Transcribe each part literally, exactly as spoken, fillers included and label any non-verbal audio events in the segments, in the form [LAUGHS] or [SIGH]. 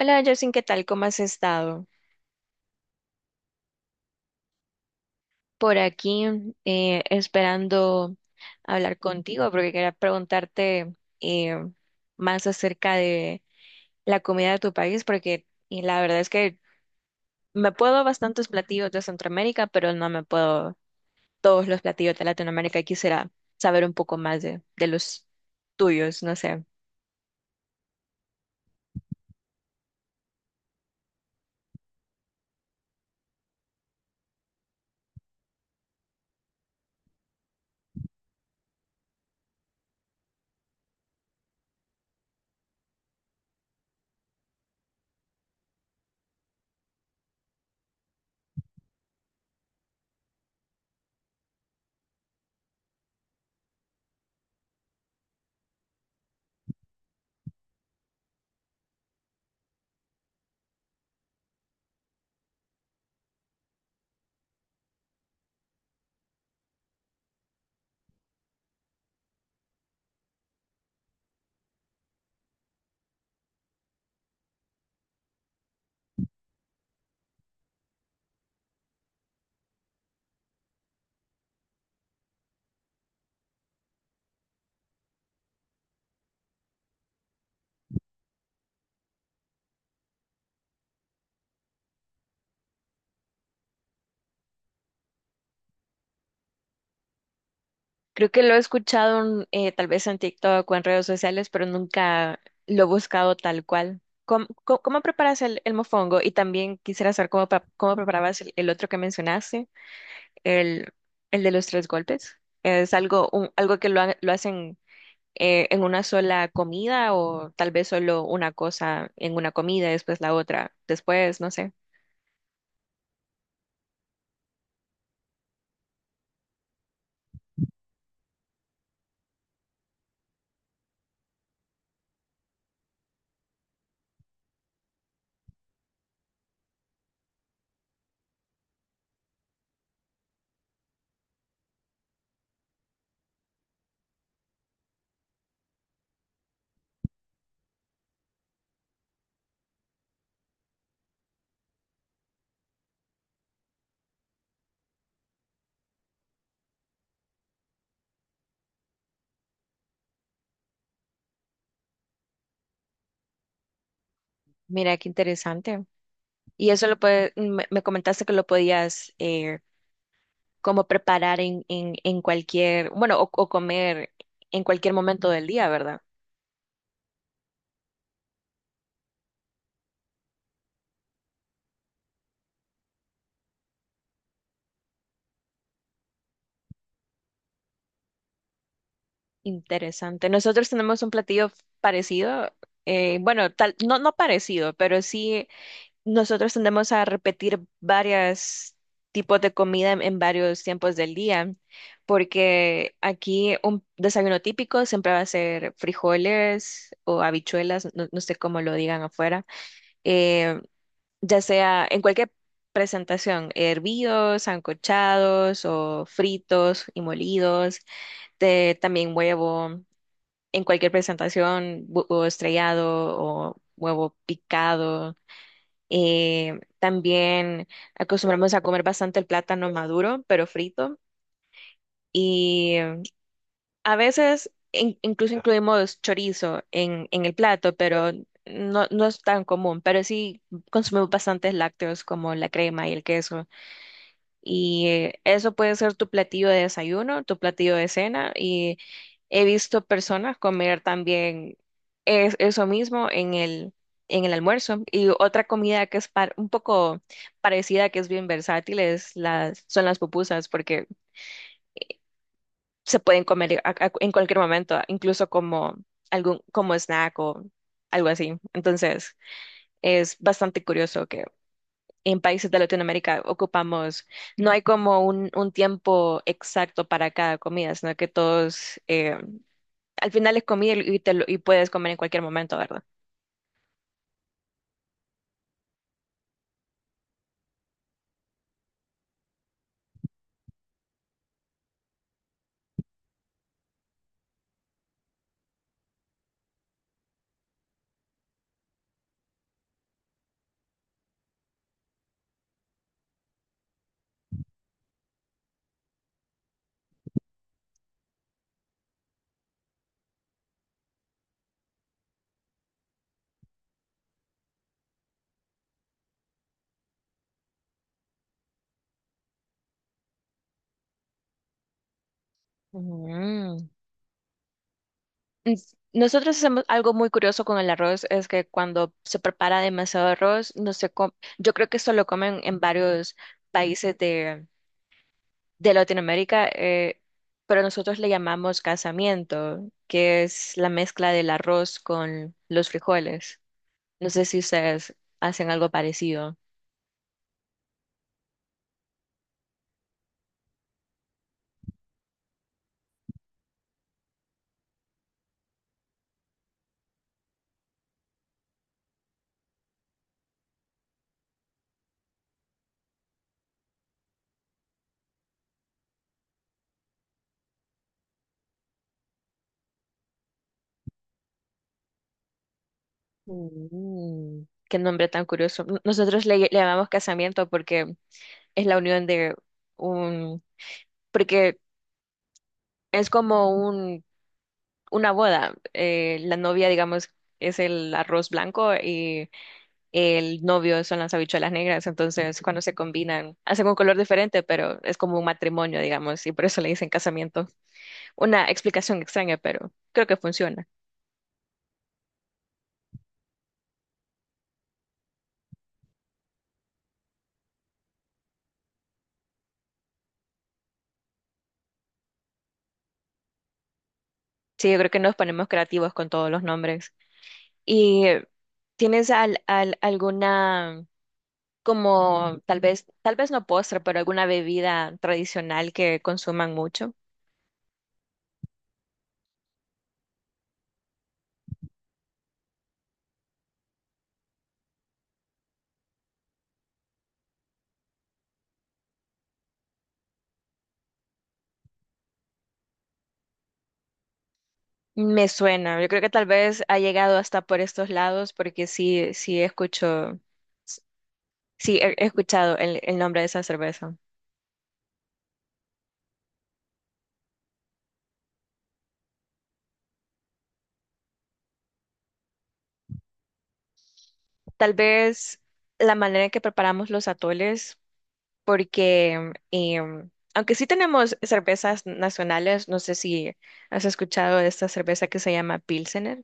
Hola, Justin, ¿qué tal? ¿Cómo has estado? Por aquí eh, esperando hablar contigo porque quería preguntarte eh, más acerca de la comida de tu país porque y la verdad es que me puedo bastantes platillos de Centroamérica, pero no me puedo todos los platillos de Latinoamérica y quisiera saber un poco más de, de los tuyos, no sé. Creo que lo he escuchado eh, tal vez en TikTok o en redes sociales, pero nunca lo he buscado tal cual. ¿Cómo, cómo- ¿Cómo preparas el, el mofongo? Y también quisiera saber cómo, pa- cómo preparabas el, el otro que mencionaste, el, el de los tres golpes. ¿Es algo, un- algo que lo, ha- lo hacen eh, en una sola comida o tal vez solo una cosa en una comida, después la otra, después, no sé. Mira, qué interesante. Y eso lo puede, me, me comentaste que lo podías eh, como preparar en, en, en cualquier, bueno, o, o comer en cualquier momento del día, ¿verdad? Interesante. Nosotros tenemos un platillo parecido, eh, bueno, tal, no, no parecido, pero sí nosotros tendemos a repetir varios tipos de comida en, en varios tiempos del día, porque aquí un desayuno típico siempre va a ser frijoles o habichuelas, no, no sé cómo lo digan afuera. Eh, ya sea en cualquier presentación, hervidos, ancochados o fritos y molidos, de, también huevo, en cualquier presentación, huevo estrellado o huevo picado. Eh, también acostumbramos a comer bastante el plátano maduro, pero frito. Y a veces in- incluso incluimos chorizo en, en el plato, pero no, no es tan común. Pero sí consumimos bastantes lácteos como la crema y el queso. Y eh, eso puede ser tu platillo de desayuno, tu platillo de cena. Y he visto personas comer también es- eso mismo en el, en el almuerzo. Y otra comida que es par- un poco parecida, que es bien versátil, es las, son las pupusas, porque se pueden comer a- a- en cualquier momento, incluso como, algún, como snack o algo así. Entonces, es bastante curioso en países de Latinoamérica ocupamos, no hay como un, un tiempo exacto para cada comida, sino que todos, eh, al final es comida y, te lo- y puedes comer en cualquier momento, ¿verdad? Mm. Ens- Nosotros hacemos algo muy curioso con el arroz, es que cuando se prepara demasiado arroz, no se com- yo creo que esto lo comen en varios países de, de Latinoamérica, eh, pero nosotros le llamamos casamiento, que es la mezcla del arroz con los frijoles. No sé si ustedes hacen algo parecido. Mm. Qué nombre tan curioso. N- Nosotros le, le llamamos casamiento porque es la unión de un, porque es como un, una boda. Eh, la novia, digamos, es el arroz blanco y el novio son las habichuelas negras. Entonces, cuando se combinan, hacen un color diferente, pero es como un matrimonio, digamos, y por eso le dicen casamiento. Una explicación extraña, pero creo que funciona. Sí, yo creo que nos ponemos creativos con todos los nombres. ¿Y tienes al, al- alguna, como tal vez, tal vez no postre, pero alguna bebida tradicional que consuman mucho? Me suena, yo creo que tal vez ha llegado hasta por estos lados porque sí, sí escucho, sí he, he escuchado el, el nombre de esa cerveza. Tal vez la manera en que preparamos los atoles, porque em, aunque sí tenemos cervezas nacionales, no sé si has escuchado de esta cerveza que se llama Pilsener.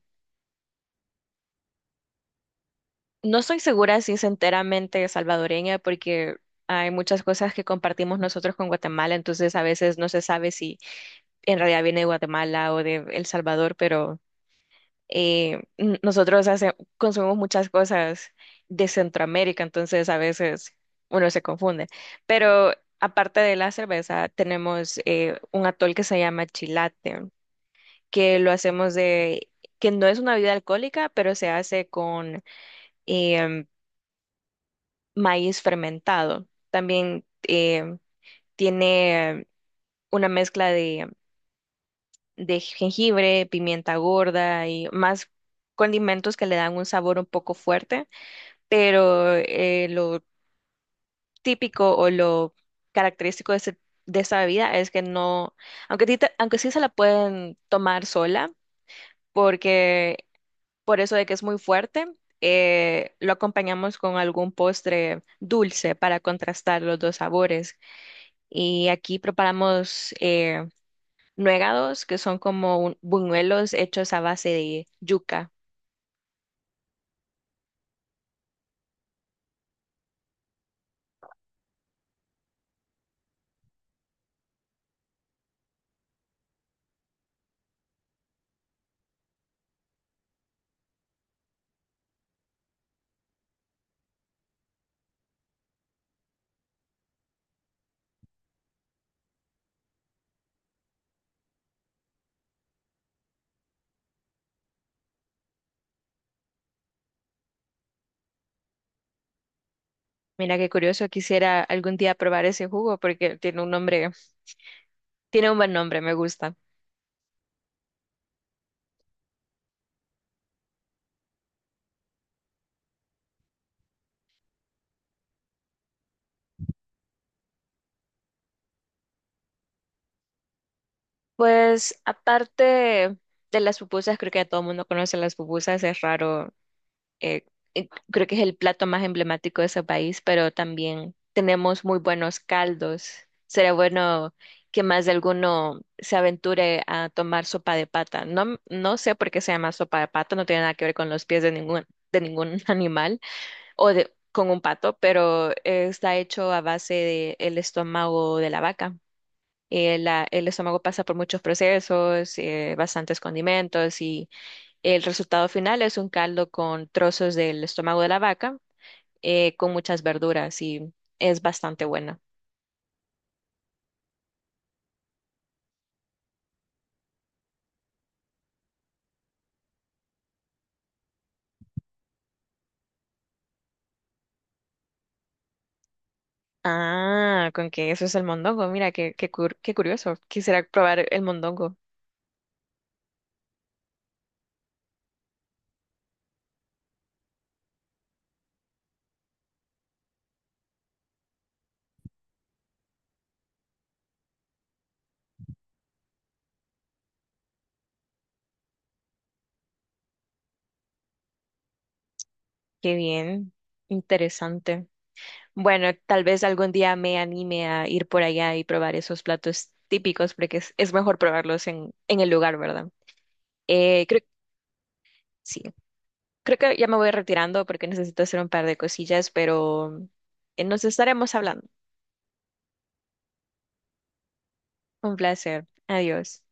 No estoy segura si es enteramente salvadoreña porque hay muchas cosas que compartimos nosotros con Guatemala, entonces a veces no se sabe si en realidad viene de Guatemala o de El Salvador, pero eh, n- nosotros hace- consumimos muchas cosas de Centroamérica, entonces a veces uno se confunde. Pero aparte de la cerveza, tenemos eh, un atol que se llama chilate, que lo hacemos de, que no es una bebida alcohólica, pero se hace con… em, maíz fermentado. También eh, tiene una mezcla de, de jengibre, pimienta gorda y más condimentos que le dan un sabor un poco fuerte, pero eh, lo típico o lo característico de, este- de esta bebida es que no, aunque, sí te- aunque sí se la pueden tomar sola, porque por eso de que es muy fuerte. eh, lo acompañamos con algún postre dulce para contrastar los dos sabores. Y aquí preparamos eh, nuegados, que son como un- buñuelos hechos a base de yuca. Mira qué curioso, quisiera algún día probar ese jugo porque tiene un nombre, tiene un buen nombre, me gusta. Pues aparte de las pupusas, creo que ya todo el mundo conoce las pupusas, es raro eh, eh, creo que es el plato más emblemático de ese país, pero también tenemos muy buenos caldos. Sería bueno que más de alguno se aventure a tomar sopa de pata. No, no sé por qué se llama sopa de pata, no tiene nada que ver con los pies de ningún, de ningún [LAUGHS] animal o de, con un pato, pero eh, está hecho a base del estómago de la vaca. Eh, la- el estómago pasa por muchos procesos, eh, bastantes condimentos y el resultado final es un caldo con trozos del estómago de la vaca, eh, con muchas verduras y es bastante bueno. Ah, con que eso es el mondongo. Mira, qué, qué, cur- qué curioso. Quisiera probar el mondongo. Qué bien, interesante. Bueno, tal vez algún día me anime a ir por allá y probar esos platos típicos, porque es, es mejor probarlos en, en el lugar, ¿verdad? Eh, creo, sí, creo que ya me voy retirando porque necesito hacer un par de cosillas, pero eh, nos estaremos hablando. Un placer. Adiós.